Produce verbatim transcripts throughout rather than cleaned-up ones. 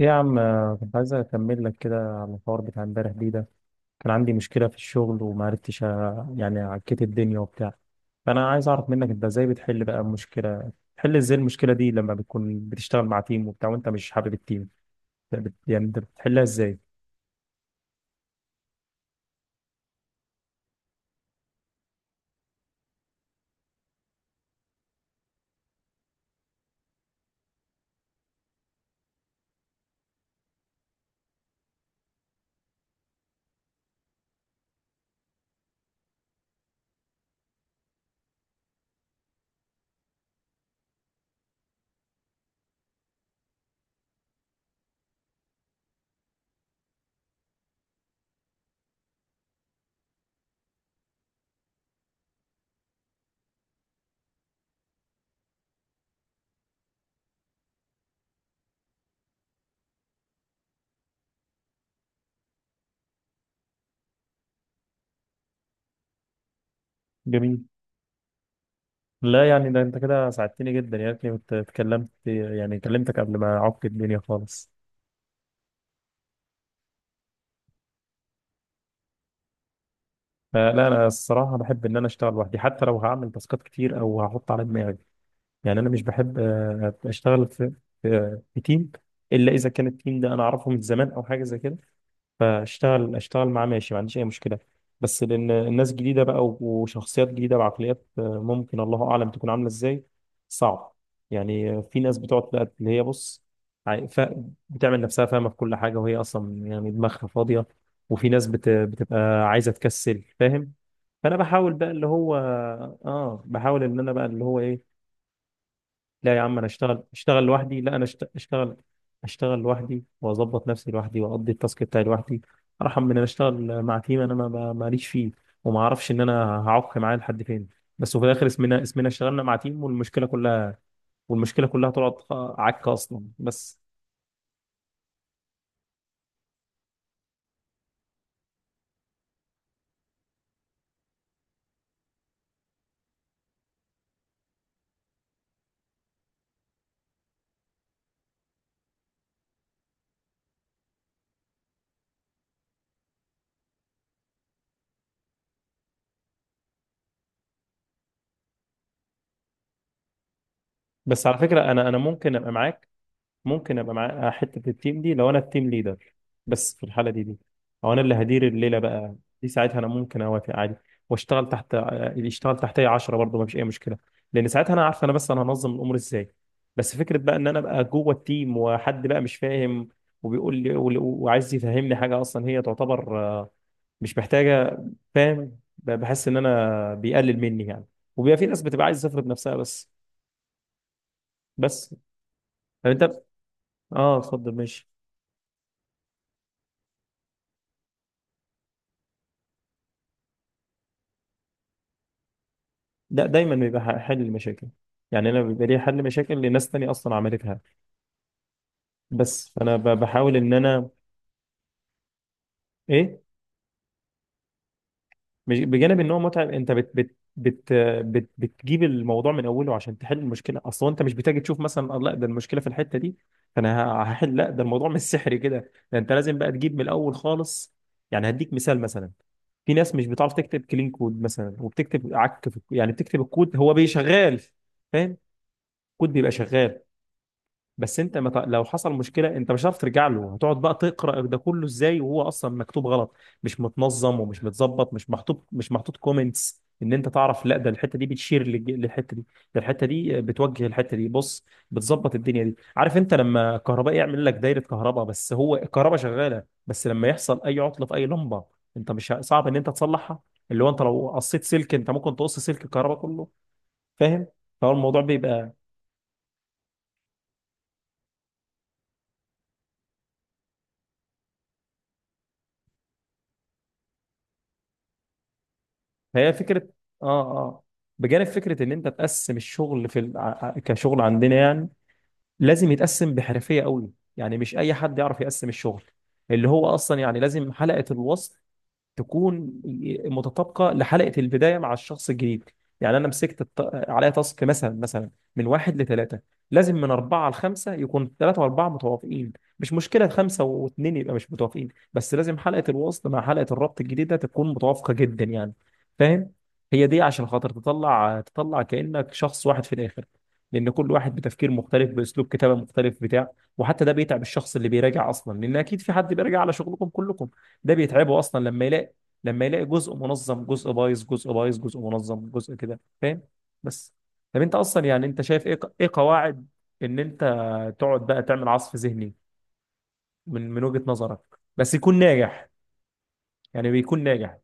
إيه يا عم، آه، كنت عايز اكمل لك كده على الحوار بتاع امبارح دي ده. كان عندي مشكله في الشغل وما عرفتش، آه، يعني عكيت الدنيا وبتاع. فانا عايز اعرف منك انت ازاي بتحل بقى المشكله، بتحل ازاي المشكله دي لما بتكون بتشتغل مع تيم وبتاع وانت مش حابب التيم. بت- يعني انت بتحلها ازاي؟ جميل. لا يعني ده انت كده ساعدتني جدا، يا ريتني كنت اتكلمت يعني كلمتك قبل ما اعك الدنيا خالص. آه، لا انا الصراحه بحب ان انا اشتغل لوحدي حتى لو هعمل تاسكات كتير او هحط على دماغي. يعني انا مش بحب آه، اشتغل في في في تيم الا اذا كان التيم ده انا اعرفه من زمان او حاجه زي كده، فاشتغل اشتغل معاه ماشي ما عنديش اي مشكله. بس لان الناس جديده بقى و- وشخصيات جديده وعقليات آه، ممكن الله اعلم تكون عامله ازاي صعب. يعني آه، في ناس بتقعد بقى اللي هي بص عاي- ف- بتعمل نفسها فاهمه في كل حاجه وهي اصلا يعني دماغها فاضيه. وفي ناس بت... بتبقى عايزه تكسل فاهم. فانا بحاول بقى اللي هو اه بحاول ان انا بقى اللي هو ايه. لا يا عم انا اشتغل اشتغل لوحدي، لا انا أشت- اشتغل اشتغل لوحدي واظبط نفسي لوحدي واقضي التاسك بتاعي لوحدي. ارحم من ان انا اشتغل مع تيم انا ما- ما- ماليش فيه وما اعرفش ان انا هعق معاه لحد فين. بس وفي الاخر اسمنا اسمنا اشتغلنا مع تيم والمشكله كلها، والمشكله كلها طلعت عكه اصلا بس. بس على فكره انا انا ممكن ابقى معاك، ممكن ابقى معاه آه، حته في التيم دي لو انا التيم ليدر. بس في الحاله دي دي او انا اللي هدير الليله بقى، دي ساعتها انا ممكن اوافق عادي واشتغل تحت، آه، يشتغل تحتي عشرة برضه ما فيش اي مشكله، لان ساعتها انا عارف انا بس انا هنظم الامور ازاي. بس فكره بقى ان انا ابقى جوه التيم وحد بقى مش فاهم وبيقول لي وال- وعايز يفهمني حاجه اصلا هي تعتبر آه، مش محتاجه. فاهم، ب- بحس ان انا بيقلل مني يعني. وبيبقى في ناس بتبقى عايز تفرض نفسها بس. بس طب انت اه اتفضل ماشي. ده دايما بيبقى ح- حل المشاكل. يعني انا بيبقى لي حل مشاكل لناس تانية اصلا عملتها. بس فانا ب- بحاول ان انا ايه. مش- بجانب ان هو متعب، انت بت بت بت بت بتجيب الموضوع من اوله عشان تحل المشكله، اصلا انت مش بتيجي تشوف مثلا آه، لا ده المشكله في الحته دي فانا ه- هحل، لا ده الموضوع مش سحري كده، ده انت لازم بقى تجيب من الاول خالص. يعني هديك مثال، مثلا في ناس مش بتعرف تكتب كلين كود مثلا وبتكتب عك، في يعني بتكتب الكود هو بيشغال فاهم، الكود بيبقى شغال. بس انت مت... لو حصل مشكله انت مش هتعرف ترجع له، هتقعد بقى تقرا ده كله ازاي وهو اصلا مكتوب غلط، مش متنظم ومش متظبط، مش محطوط، مش محطوط كومنتس ان انت تعرف لا ده الحته دي بتشير للج- للحته دي، ده الحته دي بتوجه الحته دي بص بتظبط الدنيا دي. عارف انت لما كهرباء يعمل لك دايره كهرباء بس هو الكهرباء شغاله، بس لما يحصل اي عطله في اي لمبه انت مش ه- صعب ان انت تصلحها، اللي هو انت لو قصيت سلك انت ممكن تقص سلك الكهرباء كله فاهم. فهو الموضوع بيبقى هي فكرة. اه اه، بجانب فكرة ان انت تقسم الشغل في ال... ع- ع- كشغل عندنا يعني لازم يتقسم بحرفية قوي. يعني مش اي حد يعرف يقسم الشغل اللي هو اصلا يعني لازم حلقة الوصل تكون متطابقه لحلقه البدايه مع الشخص الجديد. يعني انا مسكت الت- عليا تاسك مثلا مثلا من واحد لثلاثه لازم من اربعه لخمسه يكون ثلاثه واربعه متوافقين. مش مشكله خمسه واثنين يبقى مش متوافقين، بس لازم حلقه الوصل مع حلقه الربط الجديده تكون متوافقه جدا يعني فاهم. هي دي عشان خاطر تطلع تطلع كانك شخص واحد في الاخر، لان كل واحد بتفكير مختلف باسلوب كتابه مختلف بتاع. وحتى ده بيتعب الشخص اللي بيراجع اصلا لان اكيد في حد بيراجع على شغلكم كلكم، ده بيتعبه اصلا لما يلاقي لما يلاقي جزء منظم جزء بايظ جزء بايظ جزء منظم جزء كده فاهم. بس طب انت اصلا يعني انت شايف ايه ايه قواعد ان انت تقعد بقى تعمل عصف ذهني من من وجهة نظرك بس يكون ناجح، يعني بيكون ناجح.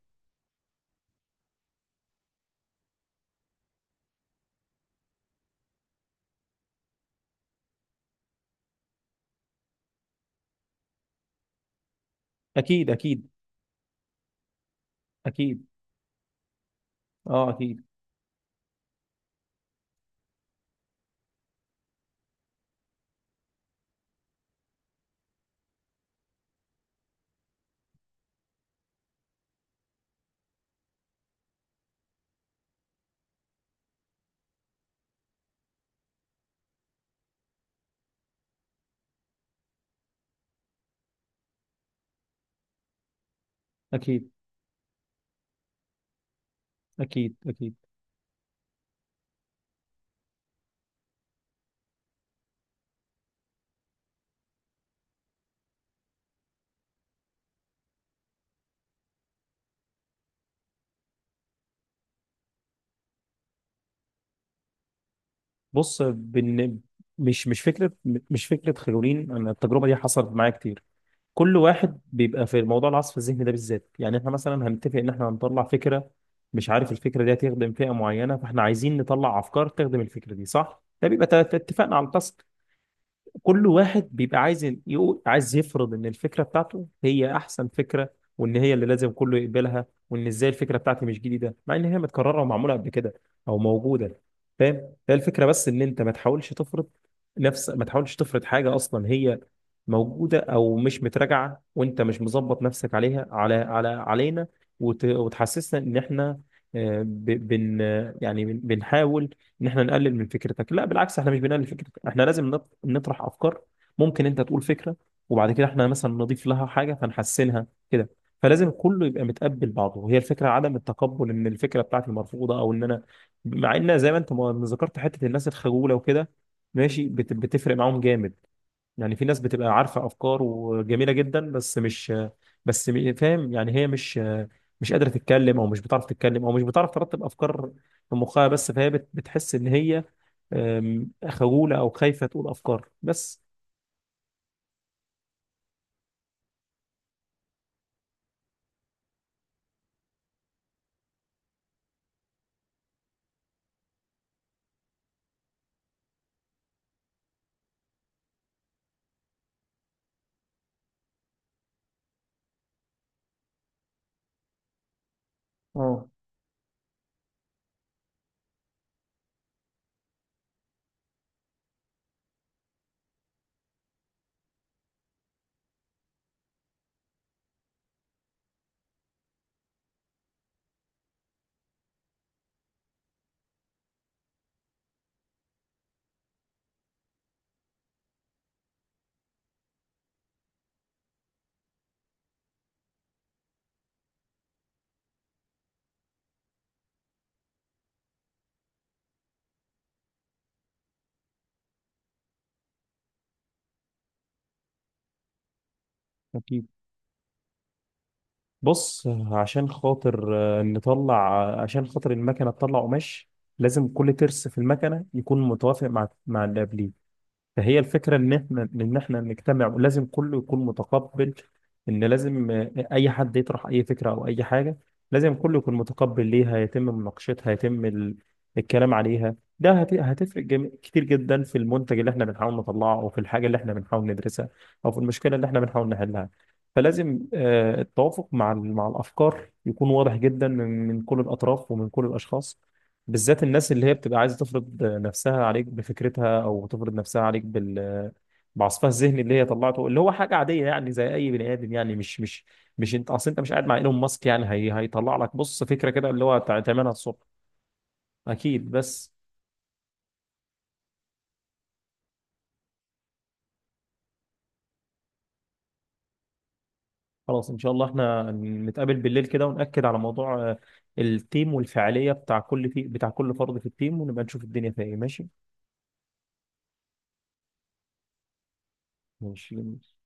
اكيد اكيد اكيد اه اكيد اكيد اكيد اكيد. بص بن... مش مش فكره مش فكره خلولين، انا التجربه دي حصلت معايا كتير. كل واحد بيبقى في موضوع العصف الذهني ده بالذات، يعني احنا مثلا هنتفق ان احنا هنطلع فكره، مش عارف الفكره دي هتخدم فئه معينه فاحنا عايزين نطلع افكار تخدم الفكره دي صح، ده بيبقى ت- ت- اتفقنا على التاسك. كل واحد بيبقى عايز يقول عايز يفرض ان الفكره بتاعته هي احسن فكره، وان هي اللي لازم كله يقبلها وان ازاي الفكره بتاعتي مش جديده مع ان هي متكرره ومعموله قبل كده او موجوده فاهم. هي الفكره بس ان انت ما تحاولش تفرض، نفس ما تحاولش تفرض حاجه اصلا هي موجوده او مش متراجعه وانت مش مظبط نفسك عليها على على علينا وت... وتحسسنا ان احنا آه، ب... بن يعني بن- بنحاول ان احنا نقلل من فكرتك. لا بالعكس احنا مش بنقلل فكرتك، احنا لازم نط- نطرح افكار. ممكن انت تقول فكره وبعد كده احنا مثلا نضيف لها حاجه فنحسنها كده. فلازم كله يبقى متقبل بعضه، هي الفكره عدم التقبل ان الفكره بتاعتي مرفوضه او ان انا، مع ان زي ما انت ما ذكرت حته الناس الخجوله وكده ماشي بت- بتفرق معاهم جامد. يعني في ناس بتبقى عارفة أفكار وجميلة جدا بس مش، بس م- فاهم يعني هي مش مش قادرة تتكلم أو مش بتعرف تتكلم أو مش بتعرف ترتب أفكار في مخها، بس فهي بت- بتحس إن هي أم، خجولة أو خايفة تقول أفكار بس. اه اكيد. بص عشان خاطر آه، نطلع، عشان خاطر المكنة تطلع قماش لازم كل ترس في المكنة يكون متوافق مع مع اللي قبليه. فهي الفكرة إن إحنا إن إحنا نجتمع ولازم كله يكون متقبل إن لازم آه، أي حد يطرح أي فكرة أو أي حاجة لازم كله يكون متقبل ليها، يتم مناقشتها، يتم ال- الكلام عليها ده هت- هتفرق جم- كتير جدا في المنتج اللي إحنا بنحاول نطلعه، أو في الحاجة اللي إحنا بنحاول ندرسها أو في المشكلة اللي إحنا بنحاول نحلها. فلازم آه، التوافق مع ال- مع الأفكار يكون واضح جدا من من كل الأطراف ومن كل الأشخاص، بالذات الناس اللي هي بتبقى عايزه تفرض نفسها عليك بفكرتها او تفرض نفسها عليك بال بعصفها الذهني اللي هي طلعته، اللي هو حاجه عاديه يعني زي اي بني ادم، يعني مش مش مش انت اصل انت مش قاعد مع ايلون ماسك يعني هي هيطلع لك بص فكره كده اللي هو تع- تعملها الصبح. اكيد بس. خلاص ان شاء الله احنا نتقابل بالليل كده ونأكد على موضوع آه، التيم والفعاليه بتاع كل، في بتاع كل فرد في التيم ونبقى نشوف الدنيا فيها ايه. ماشي ماشي.